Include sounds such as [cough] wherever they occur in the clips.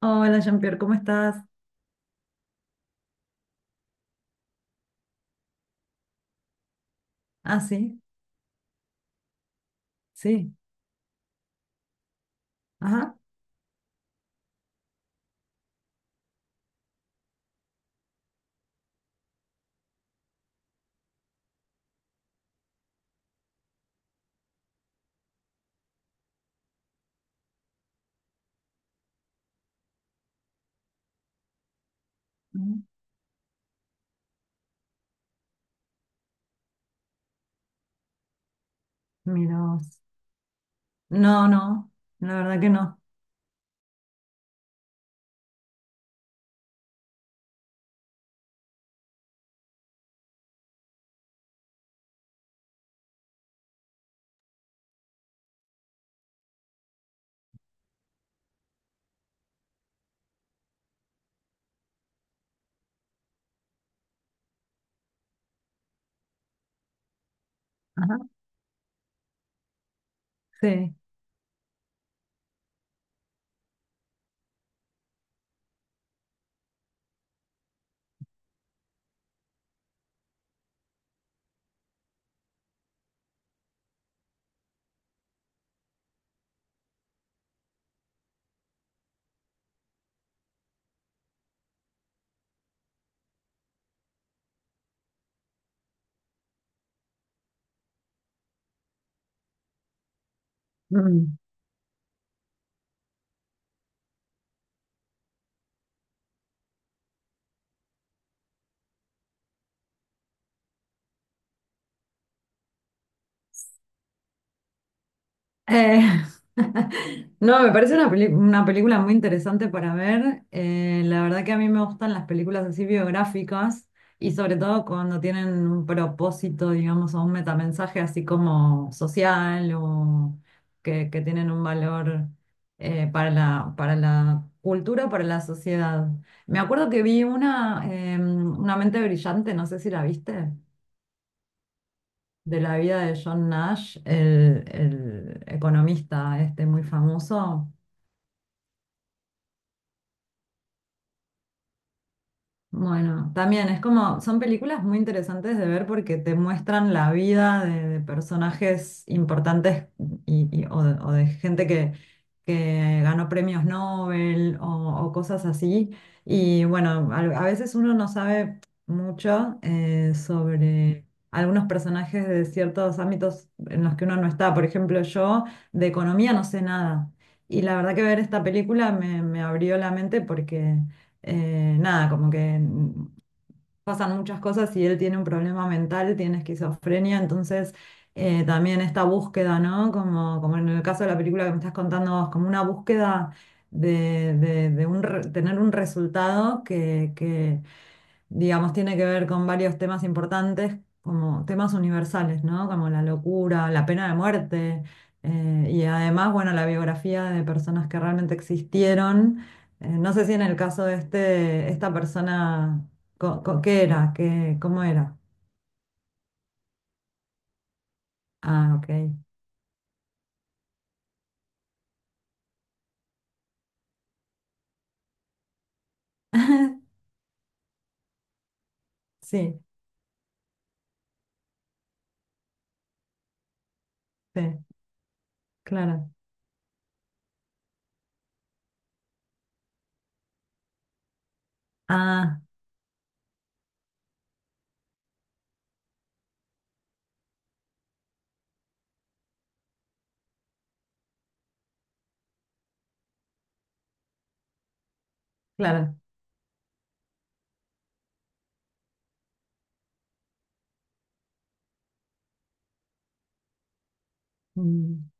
Hola, Jean-Pierre, ¿cómo estás? Ah, sí, sí, ajá. mm, Mira vos. No, no, la verdad que no. Ajá, sí. Mm. Eh, [laughs] no, me parece una película muy interesante para ver. La verdad que a mí me gustan las películas así biográficas y sobre todo cuando tienen un propósito, digamos, o un metamensaje así como social o que tienen un valor para la cultura, para la sociedad. Me acuerdo que vi Una mente brillante, no sé si la viste, de la vida de John Nash, el economista este muy famoso. Bueno, también es como, son películas muy interesantes de ver porque te muestran la vida de personajes importantes o, o de gente que ganó premios Nobel o cosas así. Y bueno, a veces uno no sabe mucho sobre algunos personajes de ciertos ámbitos en los que uno no está. Por ejemplo, yo de economía no sé nada. Y la verdad que ver esta película me abrió la mente porque nada, como que pasan muchas cosas y él tiene un problema mental, tiene esquizofrenia. Entonces también esta búsqueda, ¿no? Como en el caso de la película que me estás contando vos, como una búsqueda tener un resultado que digamos, tiene que ver con varios temas importantes, como temas universales, ¿no? Como la locura, la pena de muerte, y además, bueno, la biografía de personas que realmente existieron. No sé si en el caso de esta persona, ¿qué era? ¿ cómo era? Ah, ok. [laughs] Sí, sí, claro. Ah, claro. Mm,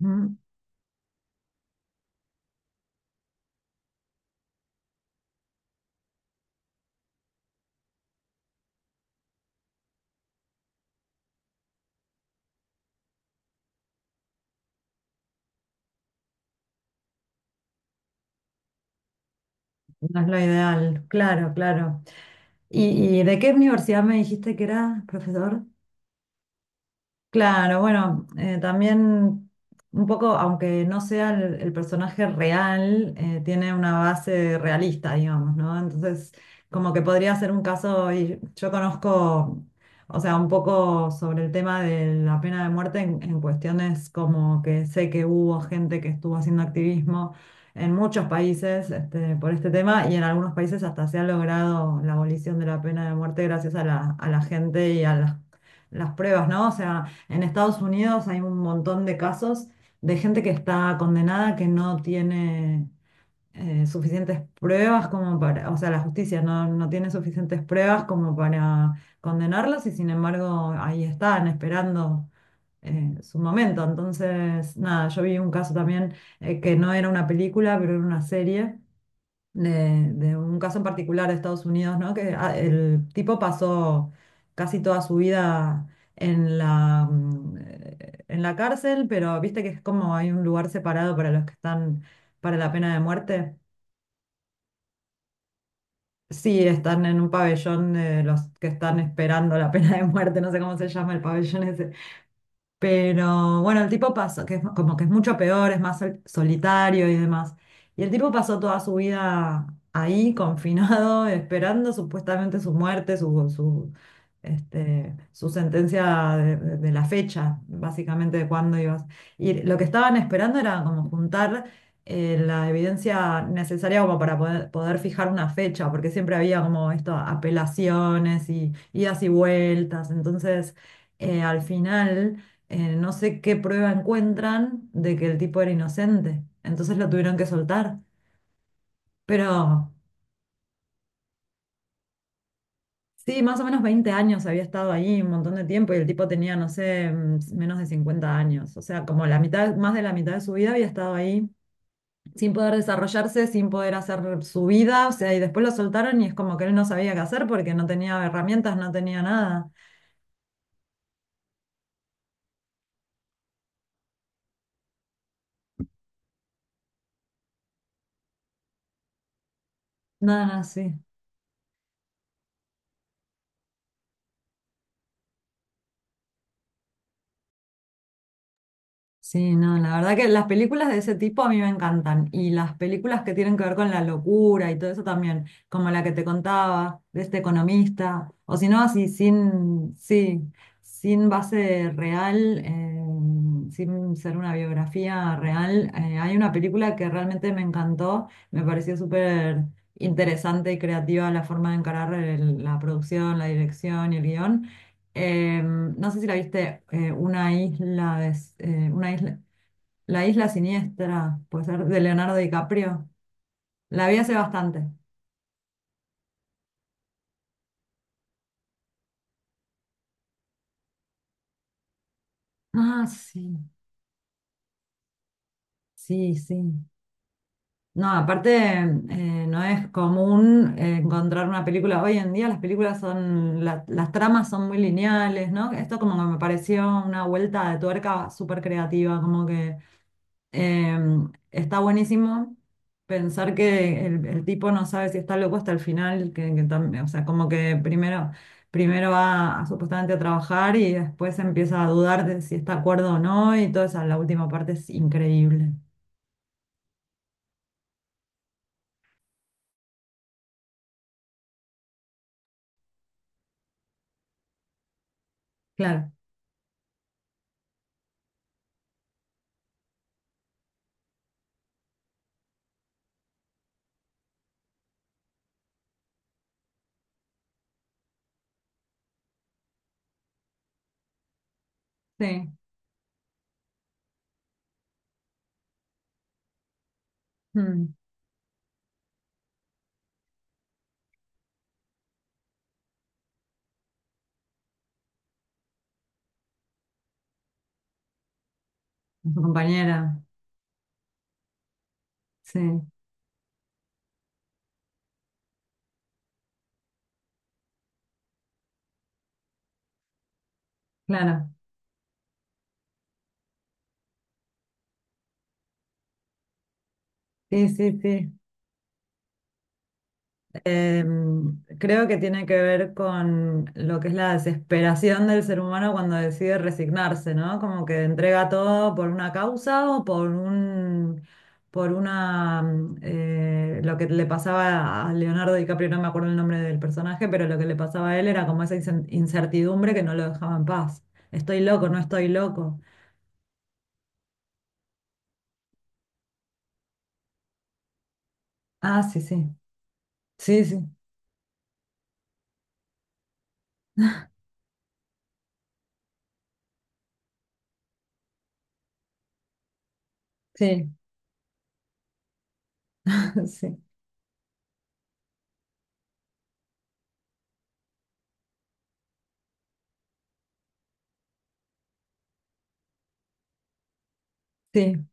mm, No es lo ideal, claro, claro. ¿Y de qué universidad me dijiste que era, profesor? Claro, bueno, también un poco, aunque no sea el personaje real, tiene una base realista, digamos, ¿no? Entonces, como que podría ser un caso, y yo conozco, o sea, un poco sobre el tema de la pena de muerte en cuestiones como que sé que hubo gente que estuvo haciendo activismo en muchos países, este, por este tema, y en algunos países hasta se ha logrado la abolición de la pena de muerte gracias a la gente y a las pruebas, ¿no? O sea, en Estados Unidos hay un montón de casos de gente que está condenada que no tiene suficientes pruebas como para, o sea, la justicia no tiene suficientes pruebas como para condenarlos, y sin embargo ahí están esperando su momento. Entonces, nada, yo vi un caso también que no era una película, pero era una serie de un caso en particular de Estados Unidos, ¿no? Que el tipo pasó casi toda su vida en la, mm, eh, en la cárcel, pero viste que es como hay un lugar separado para los que están para la pena de muerte. Sí, están en un pabellón de los que están esperando la pena de muerte, no sé cómo se llama el pabellón ese. Pero bueno, el tipo pasó, que es como que es mucho peor, es más solitario y demás. Y el tipo pasó toda su vida ahí, confinado, [laughs] esperando supuestamente su muerte, su sentencia de la fecha, básicamente de cuándo ibas. Y lo que estaban esperando era como juntar la evidencia necesaria como para poder fijar una fecha, porque siempre había como esto, apelaciones y idas y vueltas. Entonces al final no sé qué prueba encuentran de que el tipo era inocente. Entonces lo tuvieron que soltar. Pero sí, más o menos 20 años había estado ahí, un montón de tiempo, y el tipo tenía, no sé, menos de 50 años. O sea, como la mitad, más de la mitad de su vida había estado ahí sin poder desarrollarse, sin poder hacer su vida. O sea, y después lo soltaron y es como que él no sabía qué hacer porque no tenía herramientas, no tenía nada. Nada, sí. Sí, no, la verdad que las películas de ese tipo a mí me encantan, y las películas que tienen que ver con la locura y todo eso también, como la que te contaba de este economista. O si no, así sin, sí, sin base real, sin ser una biografía real, hay una película que realmente me encantó, me pareció súper interesante y creativa la forma de encarar la producción, la dirección y el guión. No sé si la viste, una isla de, una isla, La isla siniestra, puede ser, de Leonardo DiCaprio. La vi hace bastante. Ah, sí, sí, sí. No, aparte, no es común encontrar una película. Hoy en día las películas son, las tramas son muy lineales, ¿no? Esto como que me pareció una vuelta de tuerca súper creativa, como que está buenísimo pensar que el tipo no sabe si está loco hasta el final, que o sea, como que primero, primero supuestamente a trabajar, y después empieza a dudar de si está de acuerdo o no, y la última parte es increíble. Claro, sí. Mm, Su compañera, sí, claro. Sí, sí, sí. Eh, creo que tiene que ver con lo que es la desesperación del ser humano cuando decide resignarse, ¿no? Como que entrega todo por una causa o por un, por una, mm, lo que le pasaba a Leonardo DiCaprio, no me acuerdo el nombre del personaje, pero lo que le pasaba a él era como esa incertidumbre que no lo dejaba en paz. Estoy loco, no estoy loco. Ah, sí, sí, sí, sí, sí, [laughs] sí, sí.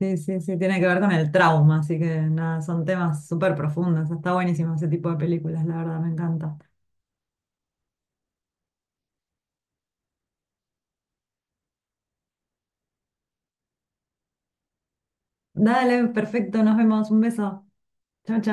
Sí, sí, sí, tiene que ver con el trauma, así que nada, son temas súper profundos. Está buenísimo ese tipo de películas, la verdad, me encanta. Dale, perfecto, nos vemos, un beso. Chao, chao.